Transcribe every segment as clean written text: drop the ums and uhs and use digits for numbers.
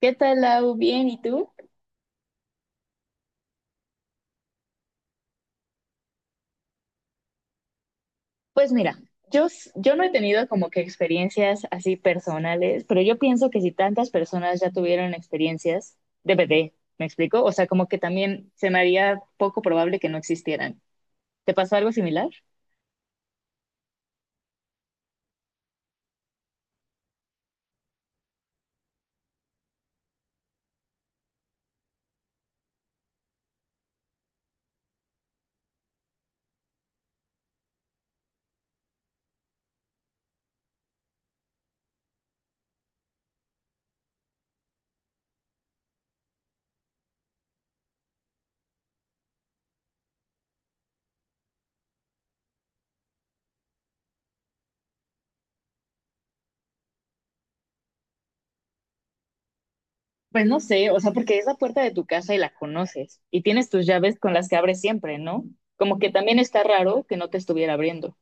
¿Qué tal, Lau? Bien, ¿y tú? Pues mira, yo no he tenido como que experiencias así personales, pero yo pienso que si tantas personas ya tuvieron experiencias, DPT, ¿me explico? O sea, como que también se me haría poco probable que no existieran. ¿Te pasó algo similar? Pues no sé, o sea, porque es la puerta de tu casa y la conoces y tienes tus llaves con las que abres siempre, ¿no? Como que también está raro que no te estuviera abriendo.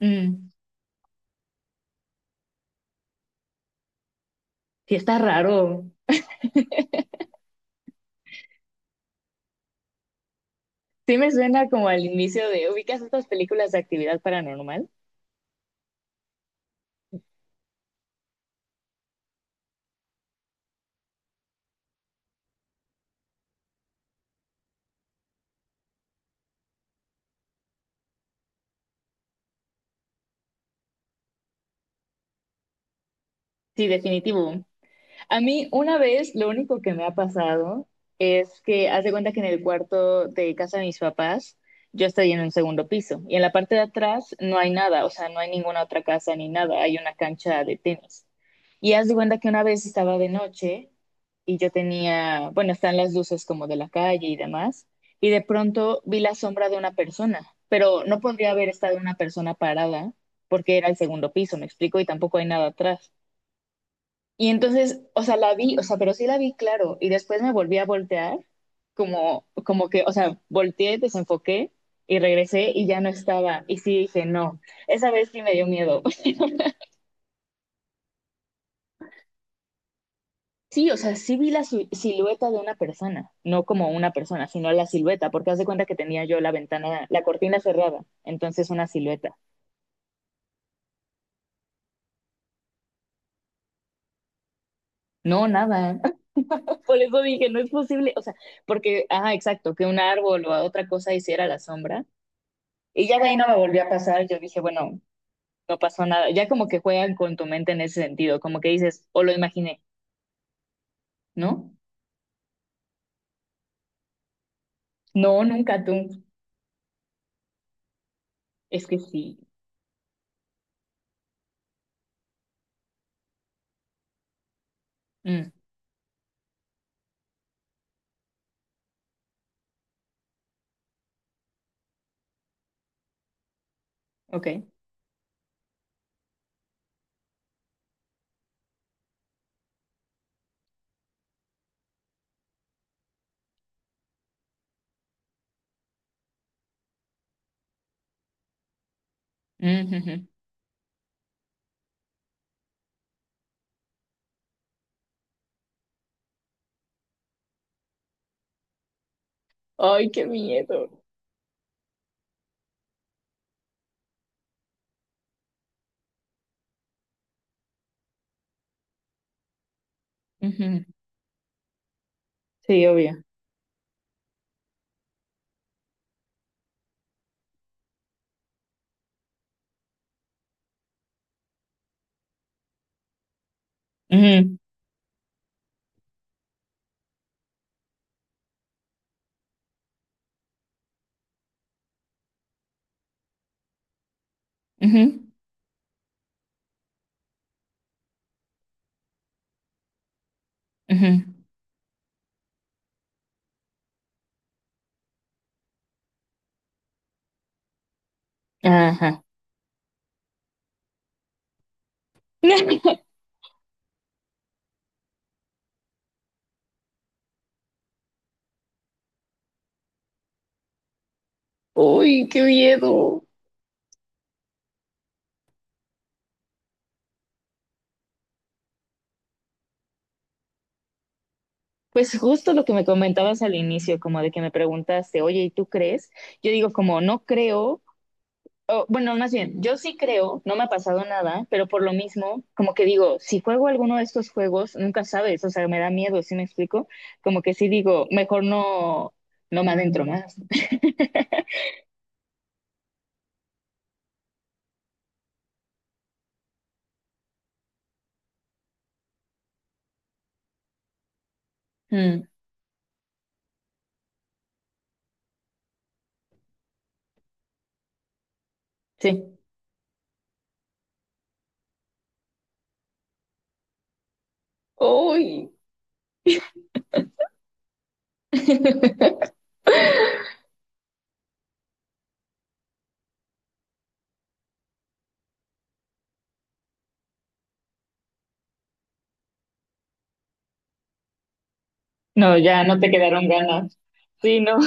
Mm, sí está raro. Sí me suena como al inicio de, ¿ubicas estas películas de actividad paranormal? Sí, definitivo. A mí una vez lo único que me ha pasado es que haz de cuenta que en el cuarto de casa de mis papás yo estoy en un segundo piso y en la parte de atrás no hay nada, o sea, no hay ninguna otra casa ni nada, hay una cancha de tenis. Y haz de cuenta que una vez estaba de noche y yo tenía, bueno, están las luces como de la calle y demás, y de pronto vi la sombra de una persona, pero no podría haber estado una persona parada porque era el segundo piso, me explico, y tampoco hay nada atrás. Y entonces, o sea, la vi, o sea, pero sí la vi, claro, y después me volví a voltear, como que, o sea, volteé, desenfoqué y regresé y ya no estaba. Y sí dije, no, esa vez sí me dio miedo. Sí, o sea, sí vi la silueta de una persona, no como una persona, sino la silueta, porque haz de cuenta que tenía yo la ventana, la cortina cerrada, entonces una silueta. No, nada. Por eso dije, no es posible, o sea, porque, ajá, exacto, que un árbol o otra cosa hiciera la sombra. Y ya de ahí no me volvió a pasar, yo dije, bueno. No pasó nada. Ya como que juegan con tu mente en ese sentido, como que dices, o lo imaginé, ¿no? No, nunca tú. Es que sí. Mm, ok. Mm, ujú. Ay, qué miedo. Ujú. Sí, obvio. Ujú, ujú, ujú. Ajá. Uy, qué miedo. Pues justo lo que me comentabas al inicio, como de que me preguntaste, oye, ¿y tú crees? Yo digo como no creo, o, bueno, más bien, yo sí creo, no me ha pasado nada, pero por lo mismo, como que digo, si juego alguno de estos juegos, nunca sabes, o sea, me da miedo, ¿sí me explico? Como que sí digo, mejor no, no me adentro más. Mm, sí. Uy. No, ya no te quedaron ganas. Sí, no,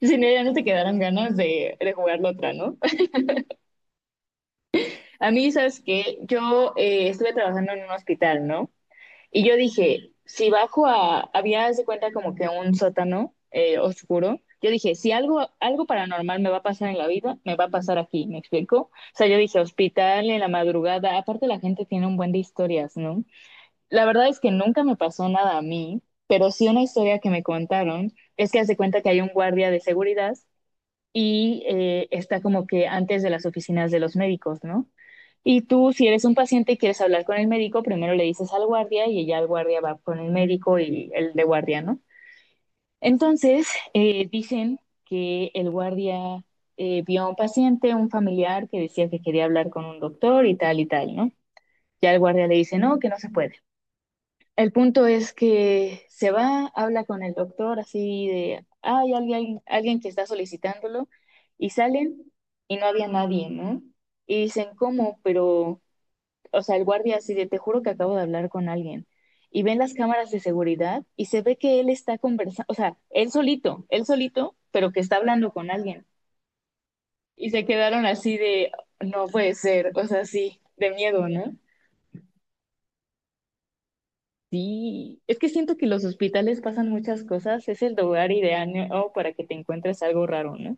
sí, no, ya no te quedaron ganas de jugarlo otra, ¿no? A mí, ¿sabes qué? Yo estuve trabajando en un hospital, ¿no? Y yo dije, si bajo a, había, haz de cuenta como que un sótano oscuro, yo dije, si algo, algo paranormal me va a pasar en la vida, me va a pasar aquí, ¿me explico? O sea, yo dije, hospital en la madrugada, aparte la gente tiene un buen de historias, ¿no? La verdad es que nunca me pasó nada a mí, pero sí una historia que me contaron es que hace cuenta que hay un guardia de seguridad y está como que antes de las oficinas de los médicos, ¿no? Y tú, si eres un paciente y quieres hablar con el médico, primero le dices al guardia y ya el guardia va con el médico y el de guardia, ¿no? Entonces, dicen que el guardia vio a un paciente, un familiar que decía que quería hablar con un doctor y tal, ¿no? Ya el guardia le dice, no, que no se puede. El punto es que se va, habla con el doctor así de, ah, hay alguien, alguien que está solicitándolo y salen y no había nadie, ¿no? Y dicen, ¿cómo? Pero o sea, el guardia así de, te juro que acabo de hablar con alguien. Y ven las cámaras de seguridad y se ve que él está conversando, o sea, él solito, pero que está hablando con alguien. Y se quedaron así de, no puede ser, o sea, sí, de miedo, ¿no? Sí, es que siento que los hospitales pasan muchas cosas, es el lugar ideal, ¿no?, para que te encuentres algo raro, ¿no?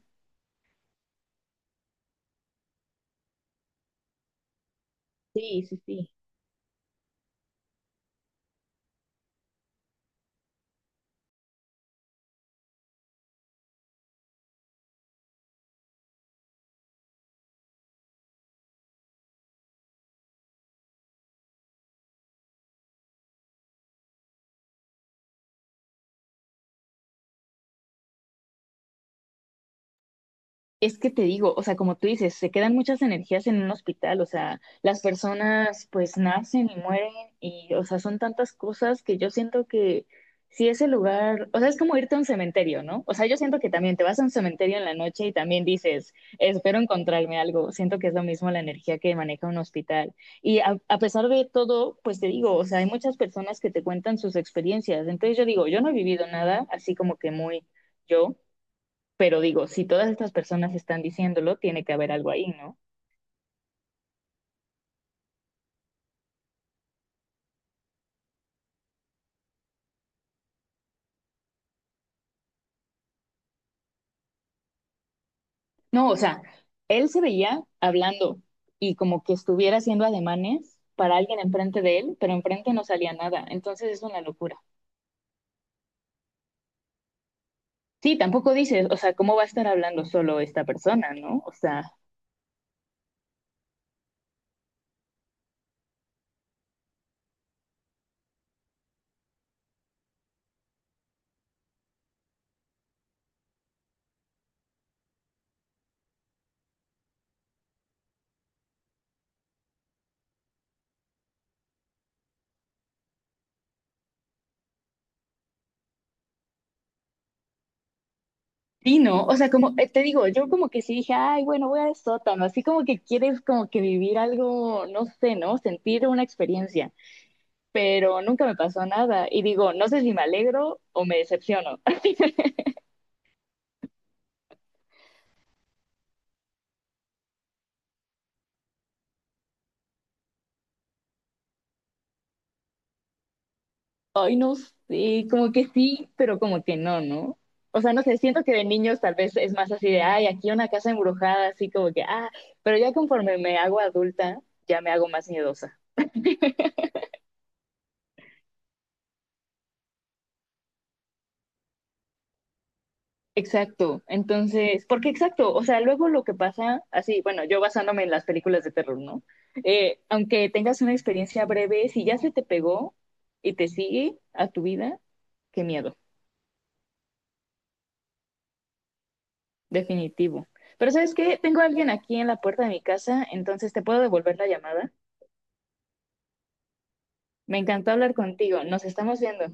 Sí, sí, sí. Es que te digo, o sea, como tú dices, se quedan muchas energías en un hospital, o sea, las personas pues nacen y mueren y, o sea, son tantas cosas que yo siento que si ese lugar, o sea, es como irte a un cementerio, ¿no? O sea, yo siento que también te vas a un cementerio en la noche y también dices, espero encontrarme algo, siento que es lo mismo la energía que maneja un hospital. Y a pesar de todo, pues te digo, o sea, hay muchas personas que te cuentan sus experiencias, entonces yo digo, yo no he vivido nada así como que muy yo. Pero digo, si todas estas personas están diciéndolo, tiene que haber algo ahí, ¿no? No, o sea, él se veía hablando y como que estuviera haciendo ademanes para alguien enfrente de él, pero enfrente no salía nada. Entonces es una locura. Sí, tampoco dices, o sea, ¿cómo va a estar hablando solo esta persona, no? O sea, sí, no. O sea, como te digo, yo como que sí dije, ay, bueno, voy al sótano. Así como que quieres como que vivir algo, no sé, ¿no? Sentir una experiencia. Pero nunca me pasó nada. Y digo, no sé si me alegro o me decepciono. Ay, no sé, como que sí, pero como que no, ¿no? O sea, no sé, siento que de niños tal vez es más así de, ay, aquí una casa embrujada, así como que, ah, pero ya conforme me hago adulta, ya me hago más miedosa. Exacto, entonces, porque exacto, o sea, luego lo que pasa, así, bueno, yo basándome en las películas de terror, ¿no? Aunque tengas una experiencia breve, si ya se te pegó y te sigue a tu vida, qué miedo, definitivo. Pero ¿sabes qué? Tengo a alguien aquí en la puerta de mi casa, entonces te puedo devolver la llamada. Me encantó hablar contigo. Nos estamos viendo.